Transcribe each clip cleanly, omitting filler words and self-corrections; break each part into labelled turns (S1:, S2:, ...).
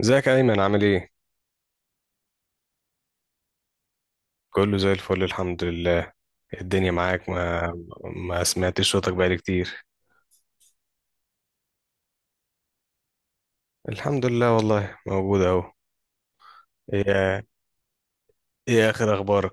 S1: ازيك يا ايمن؟ عامل ايه؟ كله زي الفل، الحمد لله. الدنيا معاك. ما سمعتش صوتك بقالي كتير. الحمد لله والله، موجود اهو. ايه؟ ايه اخر اخبارك؟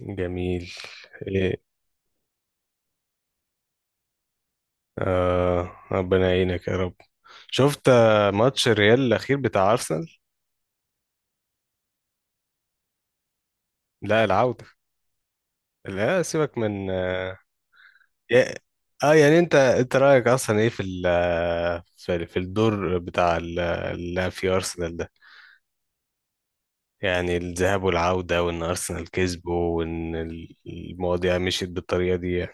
S1: جميل. ايه؟ آه، ربنا يعينك يا رب. شفت ماتش الريال الاخير بتاع ارسنال؟ لا، العودة. لا سيبك من يا- يعني انت رايك اصلا ايه في في الدور بتاع اللي في ارسنال ده؟ يعني الذهاب والعودة وإن أرسنال كسبه وإن المواضيع مشيت بالطريقة دي يعني.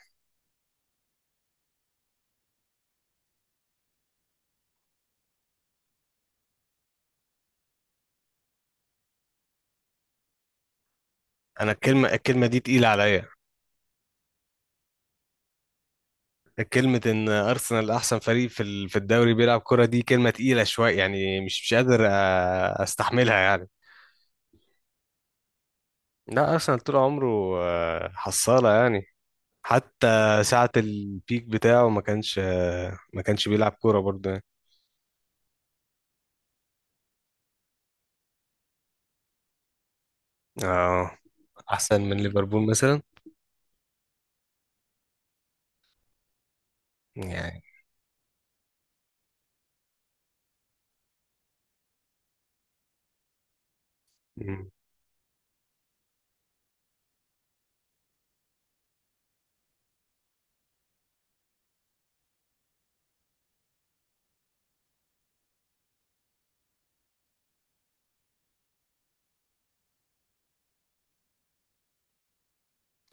S1: أنا الكلمة دي تقيلة عليا. كلمة إن أرسنال أحسن فريق في في الدوري بيلعب كرة دي كلمة تقيلة شوية. يعني مش قادر أستحملها يعني. لا، أرسنال طول عمره حصالة يعني. حتى ساعة البيك بتاعه ما كانش بيلعب كورة برضه يعني. اه، أحسن من ليفربول مثلا يعني. مم.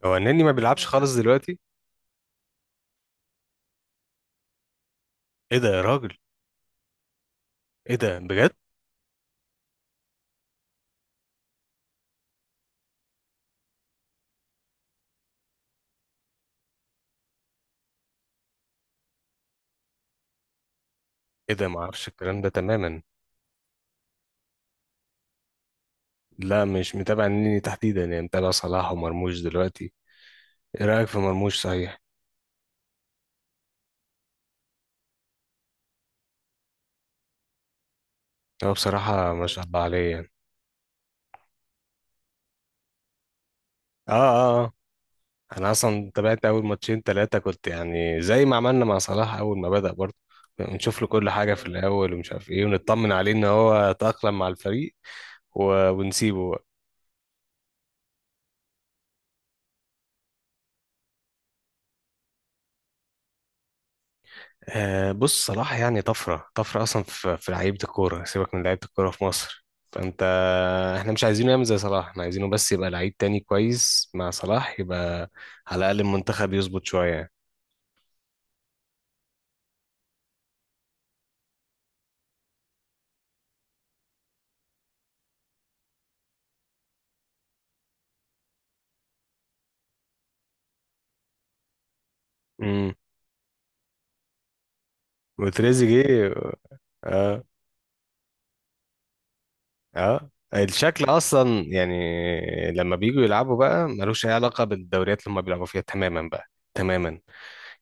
S1: هو النني ما بيلعبش خالص دلوقتي. إيه ده يا راجل؟ ايه ده بجد؟ ايه ده؟ ما اعرفش الكلام ده تماما. لا، مش متابع النني تحديدا، يعني متابع صلاح ومرموش دلوقتي. ايه رايك في مرموش صحيح؟ هو بصراحه ما شاء الله عليه يعني. اه اه آه. انا اصلا تابعت اول ماتشين ثلاثه، كنت يعني زي ما عملنا مع صلاح اول ما بدأ برضه نشوف له كل حاجه في الاول، ومش عارف ايه، ونطمن عليه ان هو تأقلم مع الفريق ونسيبه. بص، صلاح يعني طفرة طفرة أصلا في لعيبة الكورة، سيبك من لعيبة الكورة في مصر. فأنت إحنا مش عايزينه يعمل زي صلاح، إحنا عايزينه بس يبقى لعيب تاني كويس مع صلاح يبقى على الأقل المنتخب يظبط شوية. امم وتريزيجيه. اه اه. الشكل أصلا يعني لما بييجوا يلعبوا بقى ملوش أي علاقة بالدوريات اللي هما بيلعبوا فيها تماما بقى. تماما.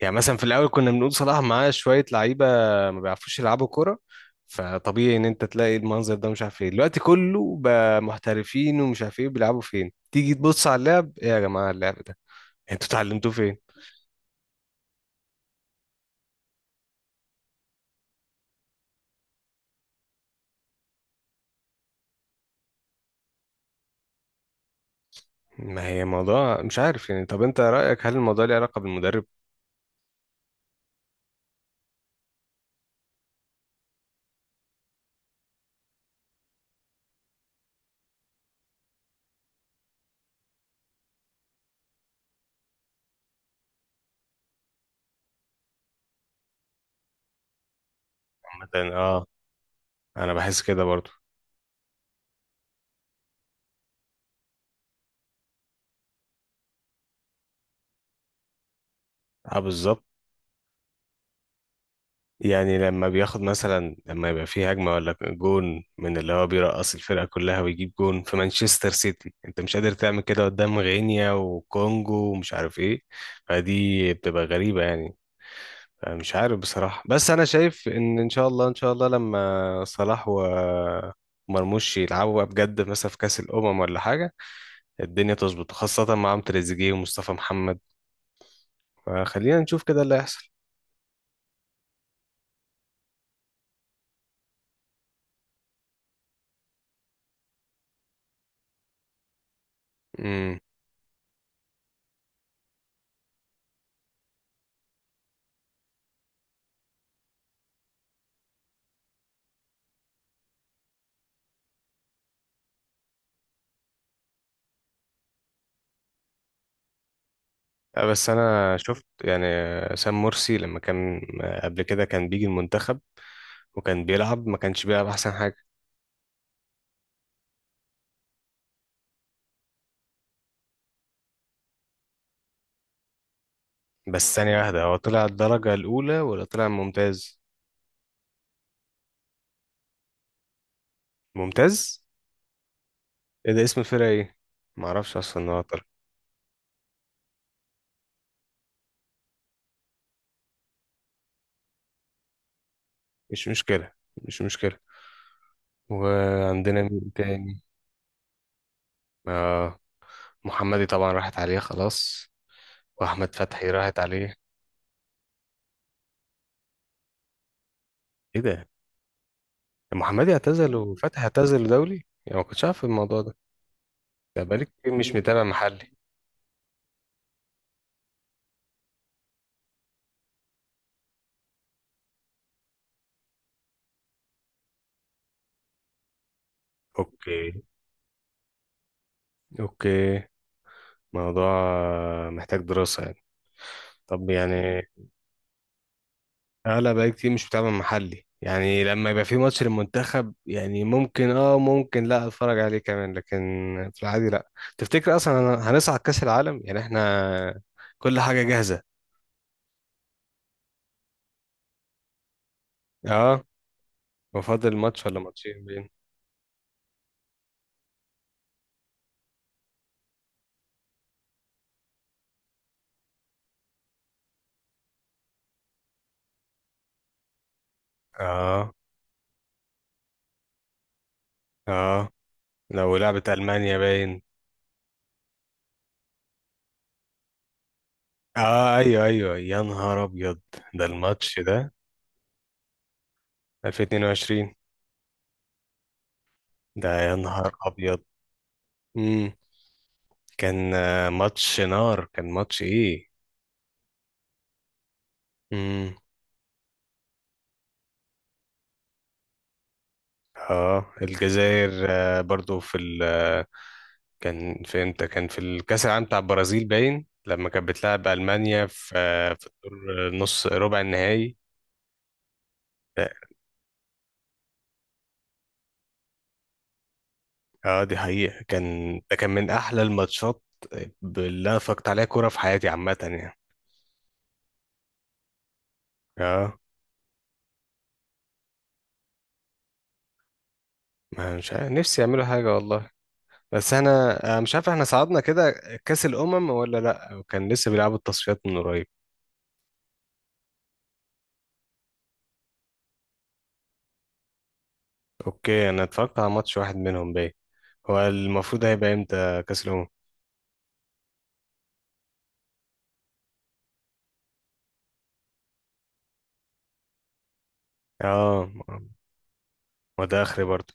S1: يعني مثلا في الاول كنا بنقول صلاح معاه شويه لعيبه ما بيعرفوش يلعبوا كوره، فطبيعي ان انت تلاقي المنظر ده. مش عارف ايه، دلوقتي كله بقى محترفين ومش عارف ايه بيلعبوا فين. تيجي تبص على اللعب، ايه يا جماعه اللعب ده؟ انتوا اتعلمتوه فين؟ ما هي موضوع مش عارف يعني. طب انت رايك هل الموضوع ليه علاقه بالمدرب؟ عامه، اه. انا بحس كده برضو. اه، بالظبط. يعني لما بياخد مثلا، لما يبقى فيه هجمة ولا جون من اللي هو بيرقص الفرقة كلها ويجيب جون في مانشستر سيتي، انت مش قادر تعمل كده قدام غينيا وكونجو ومش عارف ايه. فدي بتبقى غريبة يعني. مش عارف بصراحة، بس انا شايف ان ان شاء الله ان شاء الله لما صلاح ومرموش يلعبوا بقى بجد مثلا في كأس الأمم ولا حاجة، الدنيا تظبط خاصة معاهم تريزيجيه ومصطفى محمد. فخلينا نشوف كده اللي هيحصل. بس انا شفت يعني سام مرسي لما كان قبل كده كان بيجي المنتخب، وكان بيلعب، ما كانش بيلعب احسن حاجه. بس ثانيه واحده، هو طلع الدرجه الاولى ولا طلع ممتاز؟ ممتاز؟ ايه ده؟ اسم الفرقه ايه؟ ما اعرفش اصلا ان هو طلع. مش مشكله، مش مشكله. وعندنا مين تاني؟ آه محمدي طبعا راحت عليه خلاص، واحمد فتحي راحت عليه. ايه ده؟ محمدي اعتزل وفتحي اعتزل دولي؟ يعني ما كنتش عارف الموضوع ده، ده بقالي كتير مش متابع محلي. اوكي، اوكي. موضوع محتاج دراسة يعني. طب يعني انا بقى كتير مش بتابع محلي، يعني لما يبقى في ماتش للمنتخب يعني ممكن اه، ممكن لا اتفرج عليه كمان. لكن في العادي، لا. تفتكر اصلا هنصعد كأس العالم؟ يعني احنا كل حاجة جاهزة. اه، وفاضل ماتش ولا ماتشين باين. اه اه، لو لعبت ألمانيا باين. اه، ايوه ايوه، يا نهار ابيض. ده الماتش ده 2022. ده يا نهار ابيض. امم كان ماتش نار، كان ماتش ايه. امم اه، الجزائر برضو في ال كان في امتى؟ كان في الكاس العالم بتاع البرازيل باين، لما كانت بتلعب المانيا في في الدور نص ربع النهائي. اه دي حقيقة. كان ده كان من احلى الماتشات اللي انا اتفرجت عليها كورة في حياتي عامة يعني. اه. ما مش عارف، نفسي يعملوا حاجة والله. بس انا مش عارف، احنا صعدنا كده كأس الأمم ولا لا؟ كان لسه بيلعبوا التصفيات من قريب. اوكي. انا اتفرجت على ماتش واحد منهم باين. هو المفروض هيبقى امتى كاس الامم؟ اه. ما ده اخري برضه.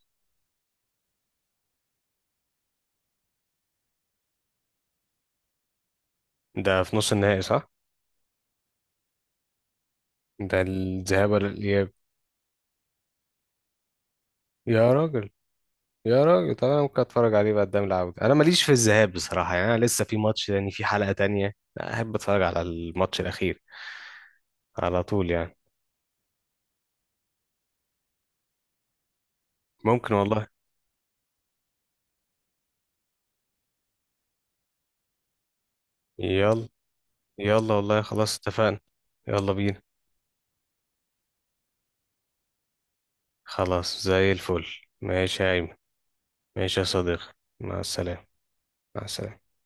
S1: ده في نص النهائي صح؟ ده الذهاب ولا الاياب؟ يا راجل. يا راجل، طب انا ممكن اتفرج عليه بقى قدام العودة. انا ماليش في الذهاب بصراحة يعني. انا لسه في ماتش تاني في حلقة تانية. لا، احب اتفرج على الماتش الاخير على طول يعني. ممكن والله. يلا يلا والله، خلاص اتفقنا. يلا بينا. خلاص زي الفل. ماشي يا ايمن. ماشي يا صديقي. مع السلامة. مع السلامة.